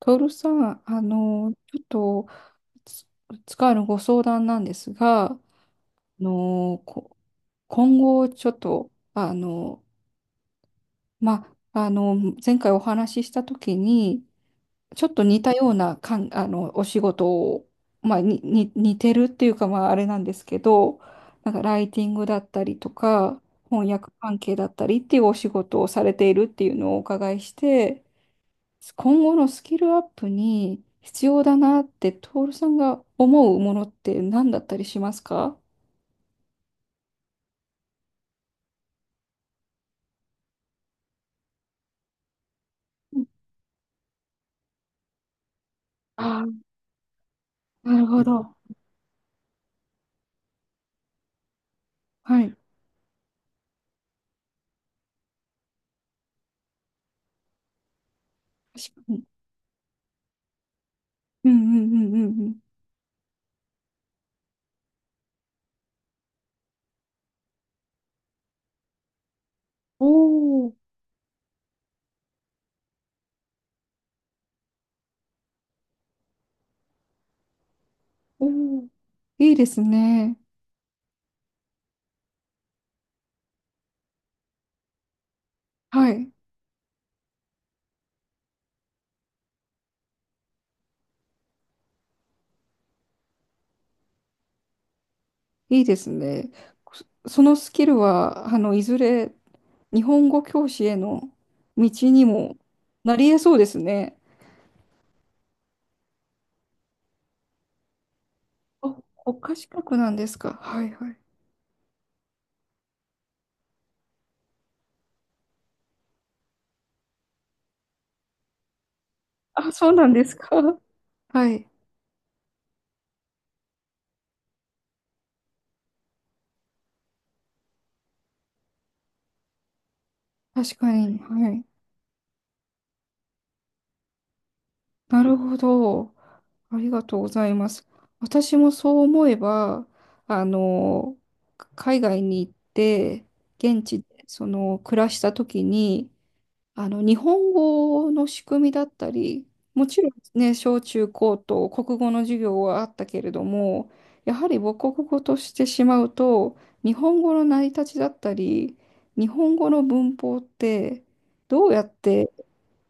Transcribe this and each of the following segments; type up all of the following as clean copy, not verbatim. トールさん、ちょっと、つつかのご相談なんですが、の、こ今後、ちょっと、あの、ま、あの、前回お話ししたときに、ちょっと似たようなかん、あの、お仕事を、まあ、に、に、似てるっていうか、まあ、あれなんですけど、なんか、ライティングだったりとか、翻訳関係だったりっていうお仕事をされているっていうのをお伺いして、今後のスキルアップに必要だなって徹さんが思うものって何だったりしますか？うん。ああ、なるほど。はい。確かに。うんうんうんうんうん。おー。おー。いいですね。はい。いいですね。そのスキルは、いずれ日本語教師への道にもなり得そうですね。お、国家資格なんですか。はいはい。あ、そうなんですか。はい。確かに。はい。なるほど。ありがとうございます。私もそう思えば、あの、海外に行って、現地でその暮らした時に、日本語の仕組みだったり、もちろんね、小中高と国語の授業はあったけれども、やはり母国語としてしまうと、日本語の成り立ちだったり、日本語の文法ってどうやって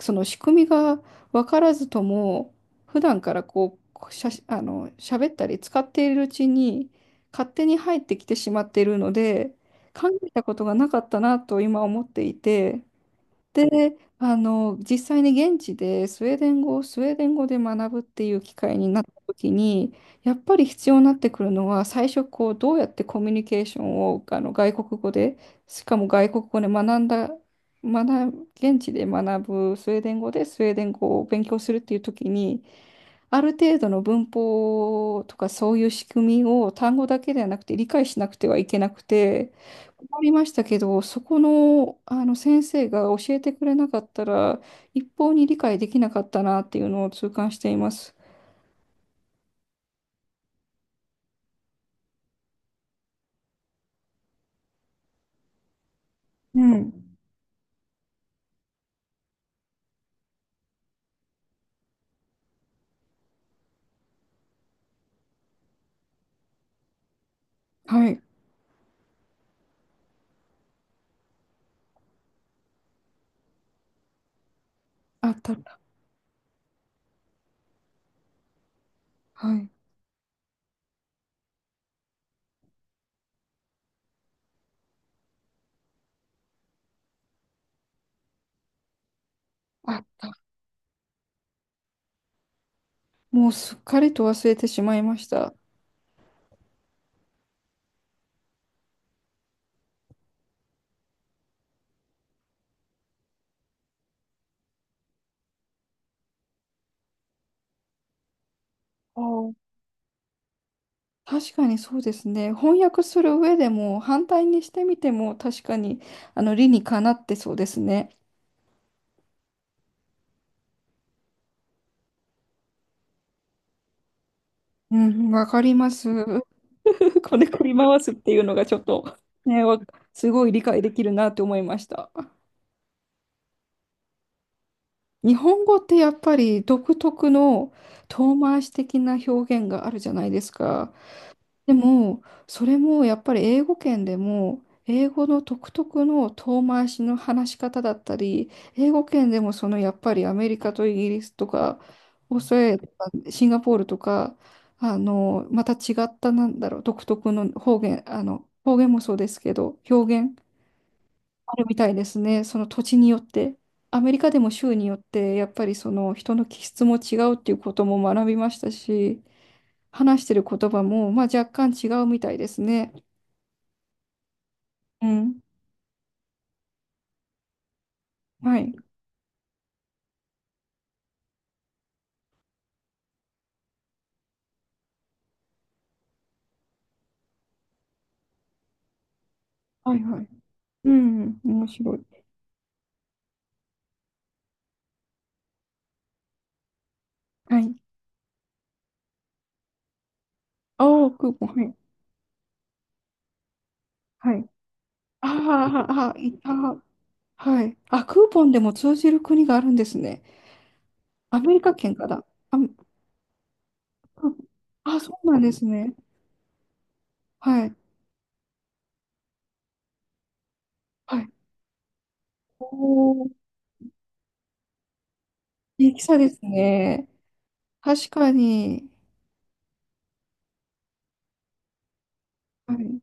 その仕組みが分からずとも普段からこうしゃあの喋ったり使っているうちに勝手に入ってきてしまっているので考えたことがなかったなと今思っていて。で、実際に現地でスウェーデン語をスウェーデン語で学ぶっていう機会になった時に、やっぱり必要になってくるのは、最初こう、どうやってコミュニケーションを外国語で、しかも外国語で学んだ、学、現地で学ぶスウェーデン語でスウェーデン語を勉強するっていう時に、ある程度の文法とかそういう仕組みを単語だけではなくて理解しなくてはいけなくて、学りましたけど、そこの、先生が教えてくれなかったら、一方に理解できなかったなっていうのを痛感しています。うん。はい。あった。はい。あった。もうすっかりと忘れてしまいました。あー、確かにそうですね。翻訳する上でも、反対にしてみても、確かに、理にかなってそうですね。うん、わかります。こねくり回すっていうのがちょっと、ね、すごい理解できるなと思いました。日本語ってやっぱり独特の遠回し的な表現があるじゃないですか。でも、それもやっぱり英語圏でも、英語の独特の遠回しの話し方だったり、英語圏でもそのやっぱりアメリカとイギリスとか、オーストラリアとか、シンガポールとか、また違ったなんだろう、独特の方言、方言もそうですけど、表現あるみたいですね。その土地によって。アメリカでも州によって、やっぱりその人の気質も違うっていうことも学びましたし、話してる言葉も、まあ、若干違うみたいですね。うん。はい。はいはい。うん。面白い。はい。ああ、クーポン。はい。はい。ああ、ああ、いた。はい。あ、クーポンでも通じる国があるんですね。アメリカ圏から。あ、クーポン、あ、そうなんですね。はい。はい。おー、いい差ですね。確かに。はい。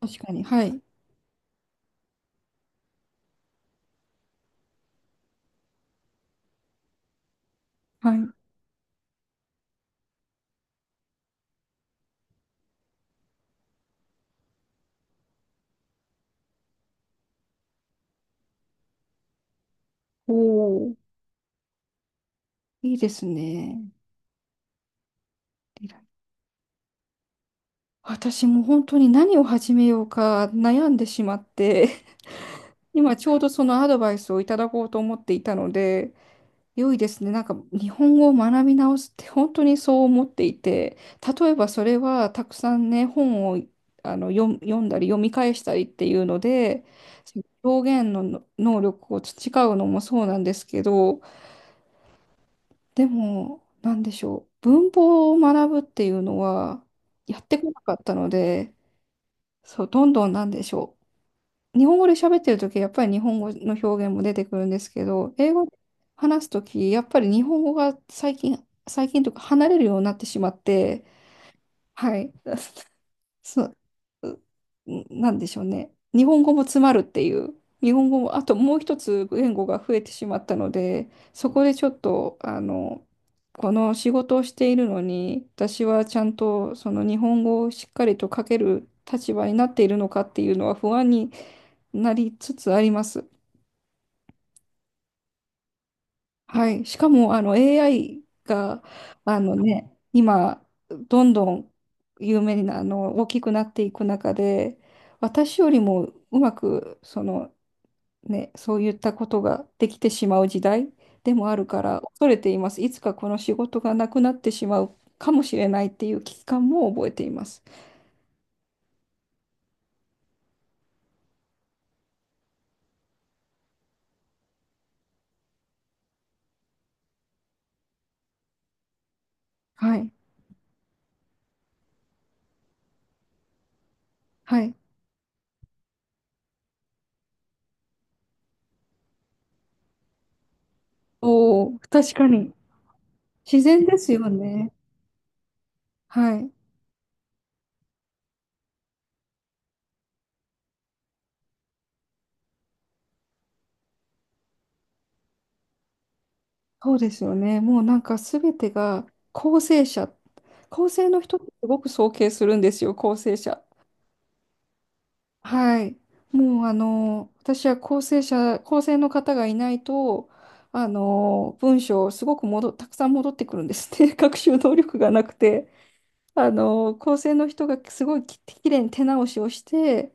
確かに。はい。はい。おお、いいですね。リラ私も本当に何を始めようか悩んでしまって、今ちょうどそのアドバイスをいただこうと思っていたので、良いですね。なんか日本語を学び直すって本当にそう思っていて、例えばそれはたくさんね、本を読んだり読み返したりっていうので、表現の能力を培うのもそうなんですけど、でも、なんでしょう。文法を学ぶっていうのは、やってこなかったので、そう、どんどんなんでしょう。日本語で喋ってるとき、やっぱり日本語の表現も出てくるんですけど、英語で話すとき、やっぱり日本語が最近、最近というか離れるようになってしまって、はい。そうん、なんでしょうね。日本語も詰まるっていう。日本語も、あともう一つ言語が増えてしまったので、そこでちょっと、この仕事をしているのに、私はちゃんとその日本語をしっかりと書ける立場になっているのかっていうのは不安になりつつあります。はい。しかも、AI が、今、どんどん有名にな、あの、大きくなっていく中で、私よりもうまくそのね、そういったことができてしまう時代でもあるから恐れています。いつかこの仕事がなくなってしまうかもしれないっていう危機感も覚えています。はい。はい。おお、確かに。自然ですよね。はい。そうですよね。もうなんか全てが構成者。構成の人ってすごく尊敬するんですよ、構成者。はい。もう私は構成者、構成の方がいないと、文章すごくたくさん戻ってくるんですね。学習能力がなくて。構成の人がすごいきれいに手直しをして、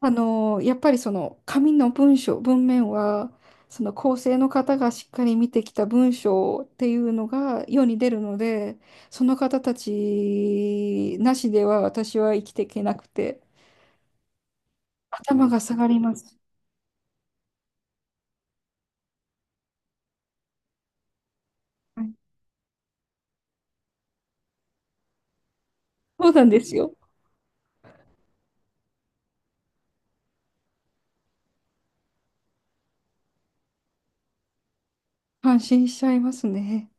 やっぱりその紙の文章、文面は、その構成の方がしっかり見てきた文章っていうのが世に出るので、その方たちなしでは私は生きていけなくて、頭が下がります。そうなんですよ。感心しちゃいますね。